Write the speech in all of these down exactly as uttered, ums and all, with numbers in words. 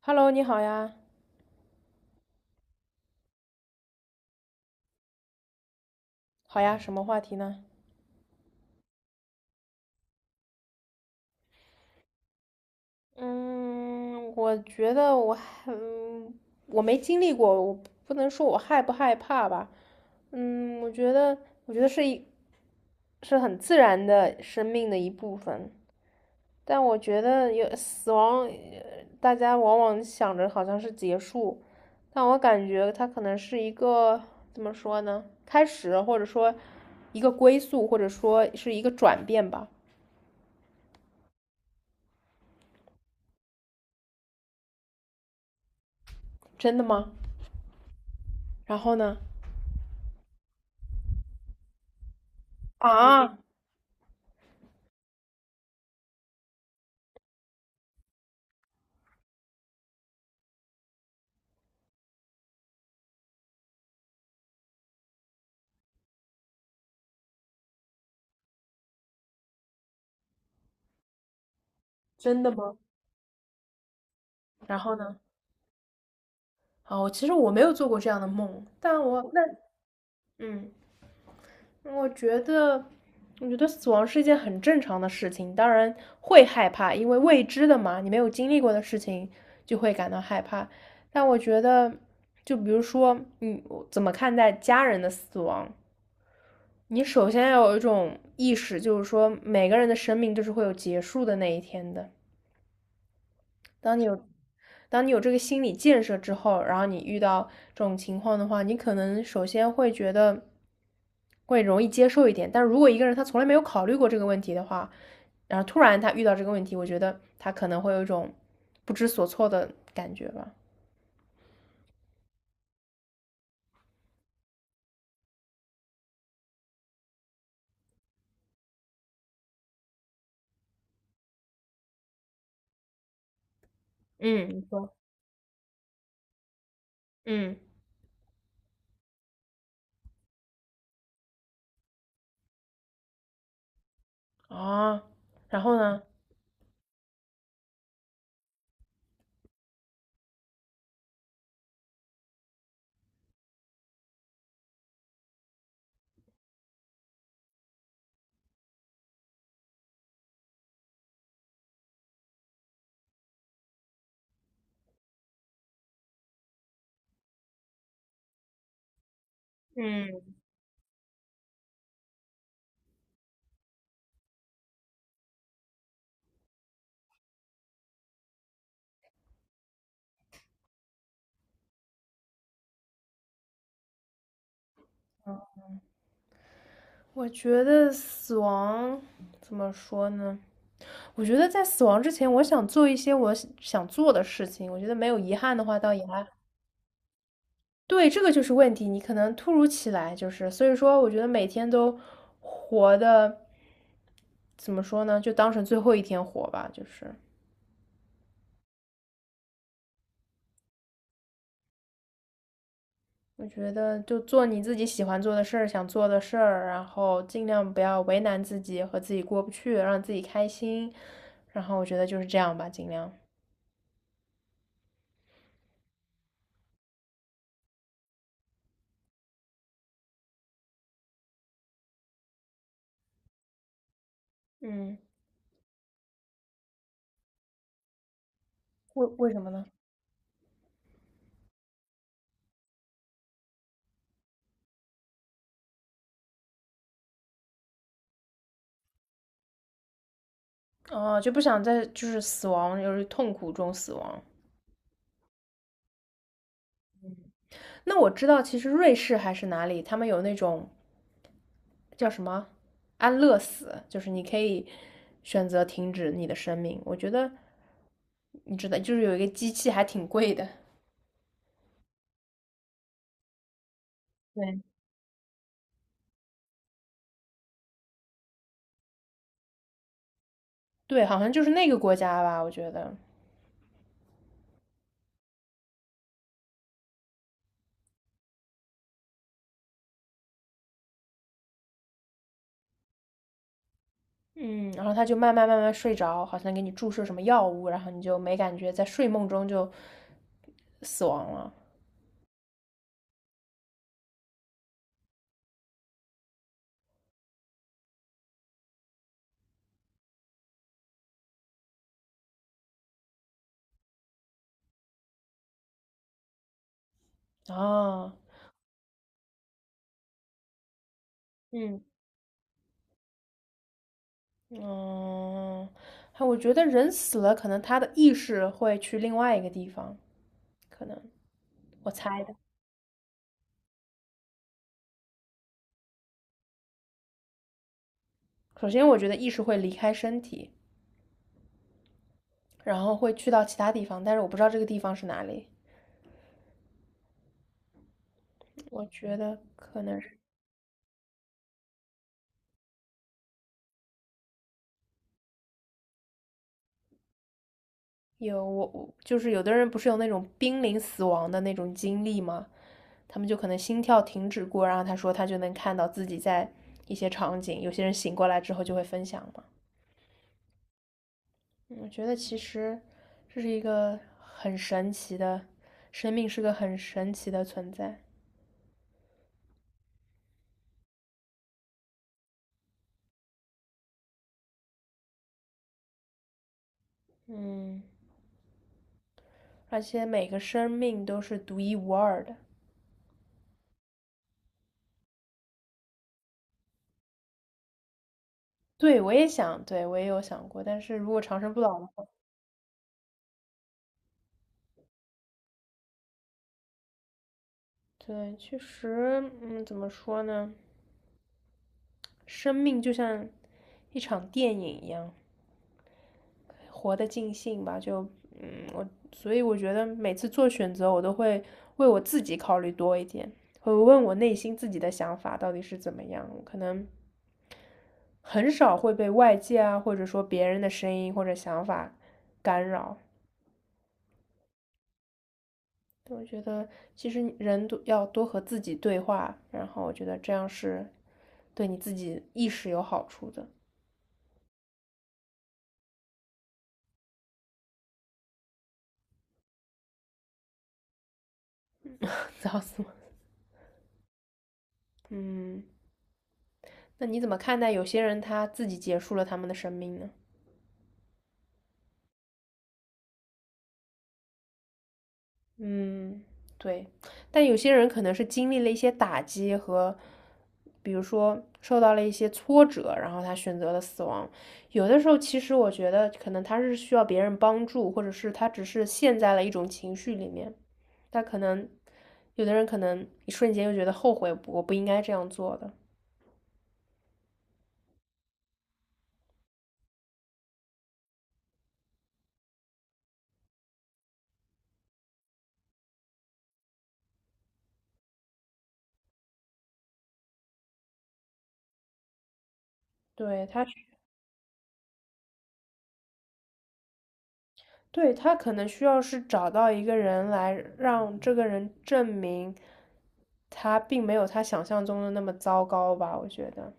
Hello，你好呀，好呀，什么话题呢？嗯，我觉得我还，嗯我没经历过，我不能说我害不害怕吧。嗯，我觉得，我觉得是一，是很自然的生命的一部分。但我觉得有死亡，呃大家往往想着好像是结束，但我感觉它可能是一个，怎么说呢？开始，或者说一个归宿，或者说是一个转变吧。真的吗？然后呢？啊，真的吗？然后呢？哦，其实我没有做过这样的梦，但我那嗯，我觉得，我觉得死亡是一件很正常的事情，当然会害怕，因为未知的嘛，你没有经历过的事情就会感到害怕。但我觉得，就比如说你怎么看待家人的死亡，你首先要有一种意识，就是说每个人的生命都是会有结束的那一天的。当你有当你有这个心理建设之后，然后你遇到这种情况的话，你可能首先会觉得会容易接受一点。但如果一个人他从来没有考虑过这个问题的话，然后突然他遇到这个问题，我觉得他可能会有一种不知所措的感觉吧。嗯，你说，嗯，啊，然后呢？嗯。我觉得死亡怎么说呢？我觉得在死亡之前，我想做一些我想做的事情。我觉得没有遗憾的话，倒也还对，这个就是问题。你可能突如其来，就是所以说，我觉得每天都活的怎么说呢？就当成最后一天活吧。就是我觉得，就做你自己喜欢做的事儿，想做的事儿，然后尽量不要为难自己和自己过不去，让自己开心。然后我觉得就是这样吧，尽量。嗯。为为什么呢？哦，就不想在就是死亡，就是痛苦中死亡。那我知道，其实瑞士还是哪里，他们有那种叫什么安乐死，就是你可以选择停止你的生命。我觉得你知道，就是有一个机器还挺贵的 对对，好像就是那个国家吧，我觉得。嗯，然后他就慢慢慢慢睡着，好像给你注射什么药物，然后你就没感觉，在睡梦中就死亡了。啊，嗯。嗯，还我觉得人死了，可能他的意识会去另外一个地方，可能我猜的。首先，我觉得意识会离开身体，然后会去到其他地方，但是我不知道这个地方是哪里。我觉得可能是有我我就是有的人不是有那种濒临死亡的那种经历吗？他们就可能心跳停止过，然后他说他就能看到自己在一些场景，有些人醒过来之后就会分享嘛。嗯我觉得其实这是一个很神奇的，生命是个很神奇的存在。嗯，而且每个生命都是独一无二的。对，我也想，对，我也有想过，但是如果长生不老的话，对，确实，嗯，怎么说呢？生命就像一场电影一样，活得尽兴吧，就嗯，我所以我觉得每次做选择，我都会为我自己考虑多一点，会问我内心自己的想法到底是怎么样，我可能很少会被外界啊，或者说别人的声音或者想法干扰。我觉得其实人都要多和自己对话，然后我觉得这样是对你自己意识有好处的。早死我！嗯，那你怎么看待有些人他自己结束了他们的生命呢？嗯，对，但有些人可能是经历了一些打击和，比如说受到了一些挫折，然后他选择了死亡。有的时候，其实我觉得可能他是需要别人帮助，或者是他只是陷在了一种情绪里面。他可能有的人可能一瞬间又觉得后悔，我不应该这样做的。对，他对，他可能需要是找到一个人来让这个人证明他并没有他想象中的那么糟糕吧，我觉得。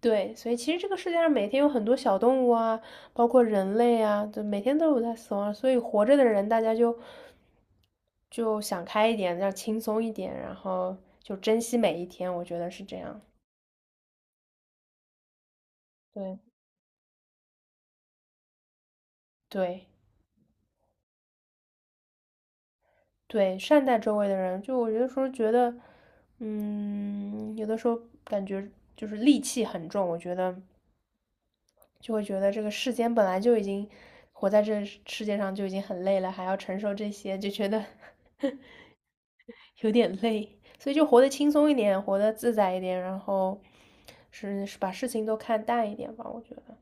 对，所以其实这个世界上每天有很多小动物啊，包括人类啊，就每天都有在死亡，所以活着的人大家就就想开一点，要轻松一点，然后就珍惜每一天，我觉得是这样。对，对对，善待周围的人，就我有的时候觉得，嗯，有的时候感觉就是戾气很重，我觉得就会觉得这个世间本来就已经活在这世界上就已经很累了，还要承受这些，就觉得 有点累，所以就活得轻松一点，活得自在一点，然后是是把事情都看淡一点吧，我觉得。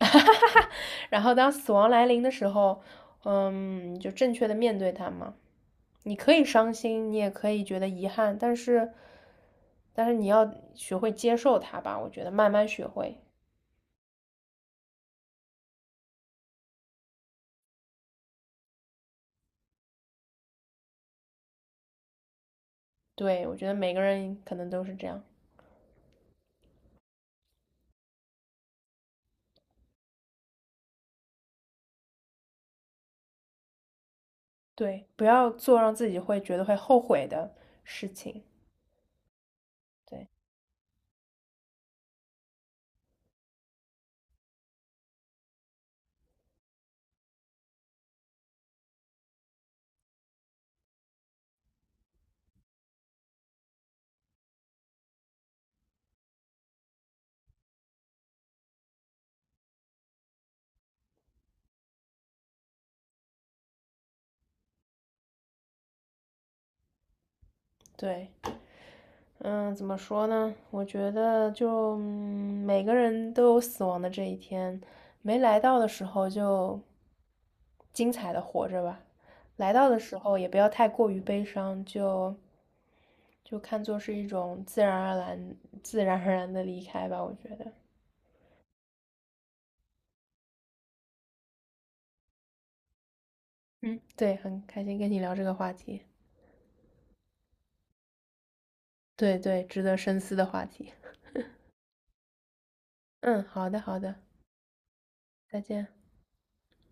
然后当死亡来临的时候，嗯，就正确的面对它嘛。你可以伤心，你也可以觉得遗憾，但是，但是你要学会接受它吧。我觉得慢慢学会。对，我觉得每个人可能都是这样。对，不要做让自己会觉得会后悔的事情。对对，嗯，怎么说呢？我觉得就，嗯，每个人都有死亡的这一天，没来到的时候就精彩的活着吧，来到的时候也不要太过于悲伤，就就看作是一种自然而然、自然而然的离开吧。我觉得，嗯，对，很开心跟你聊这个话题，对对，值得深思的话题。嗯，好的好的，再见。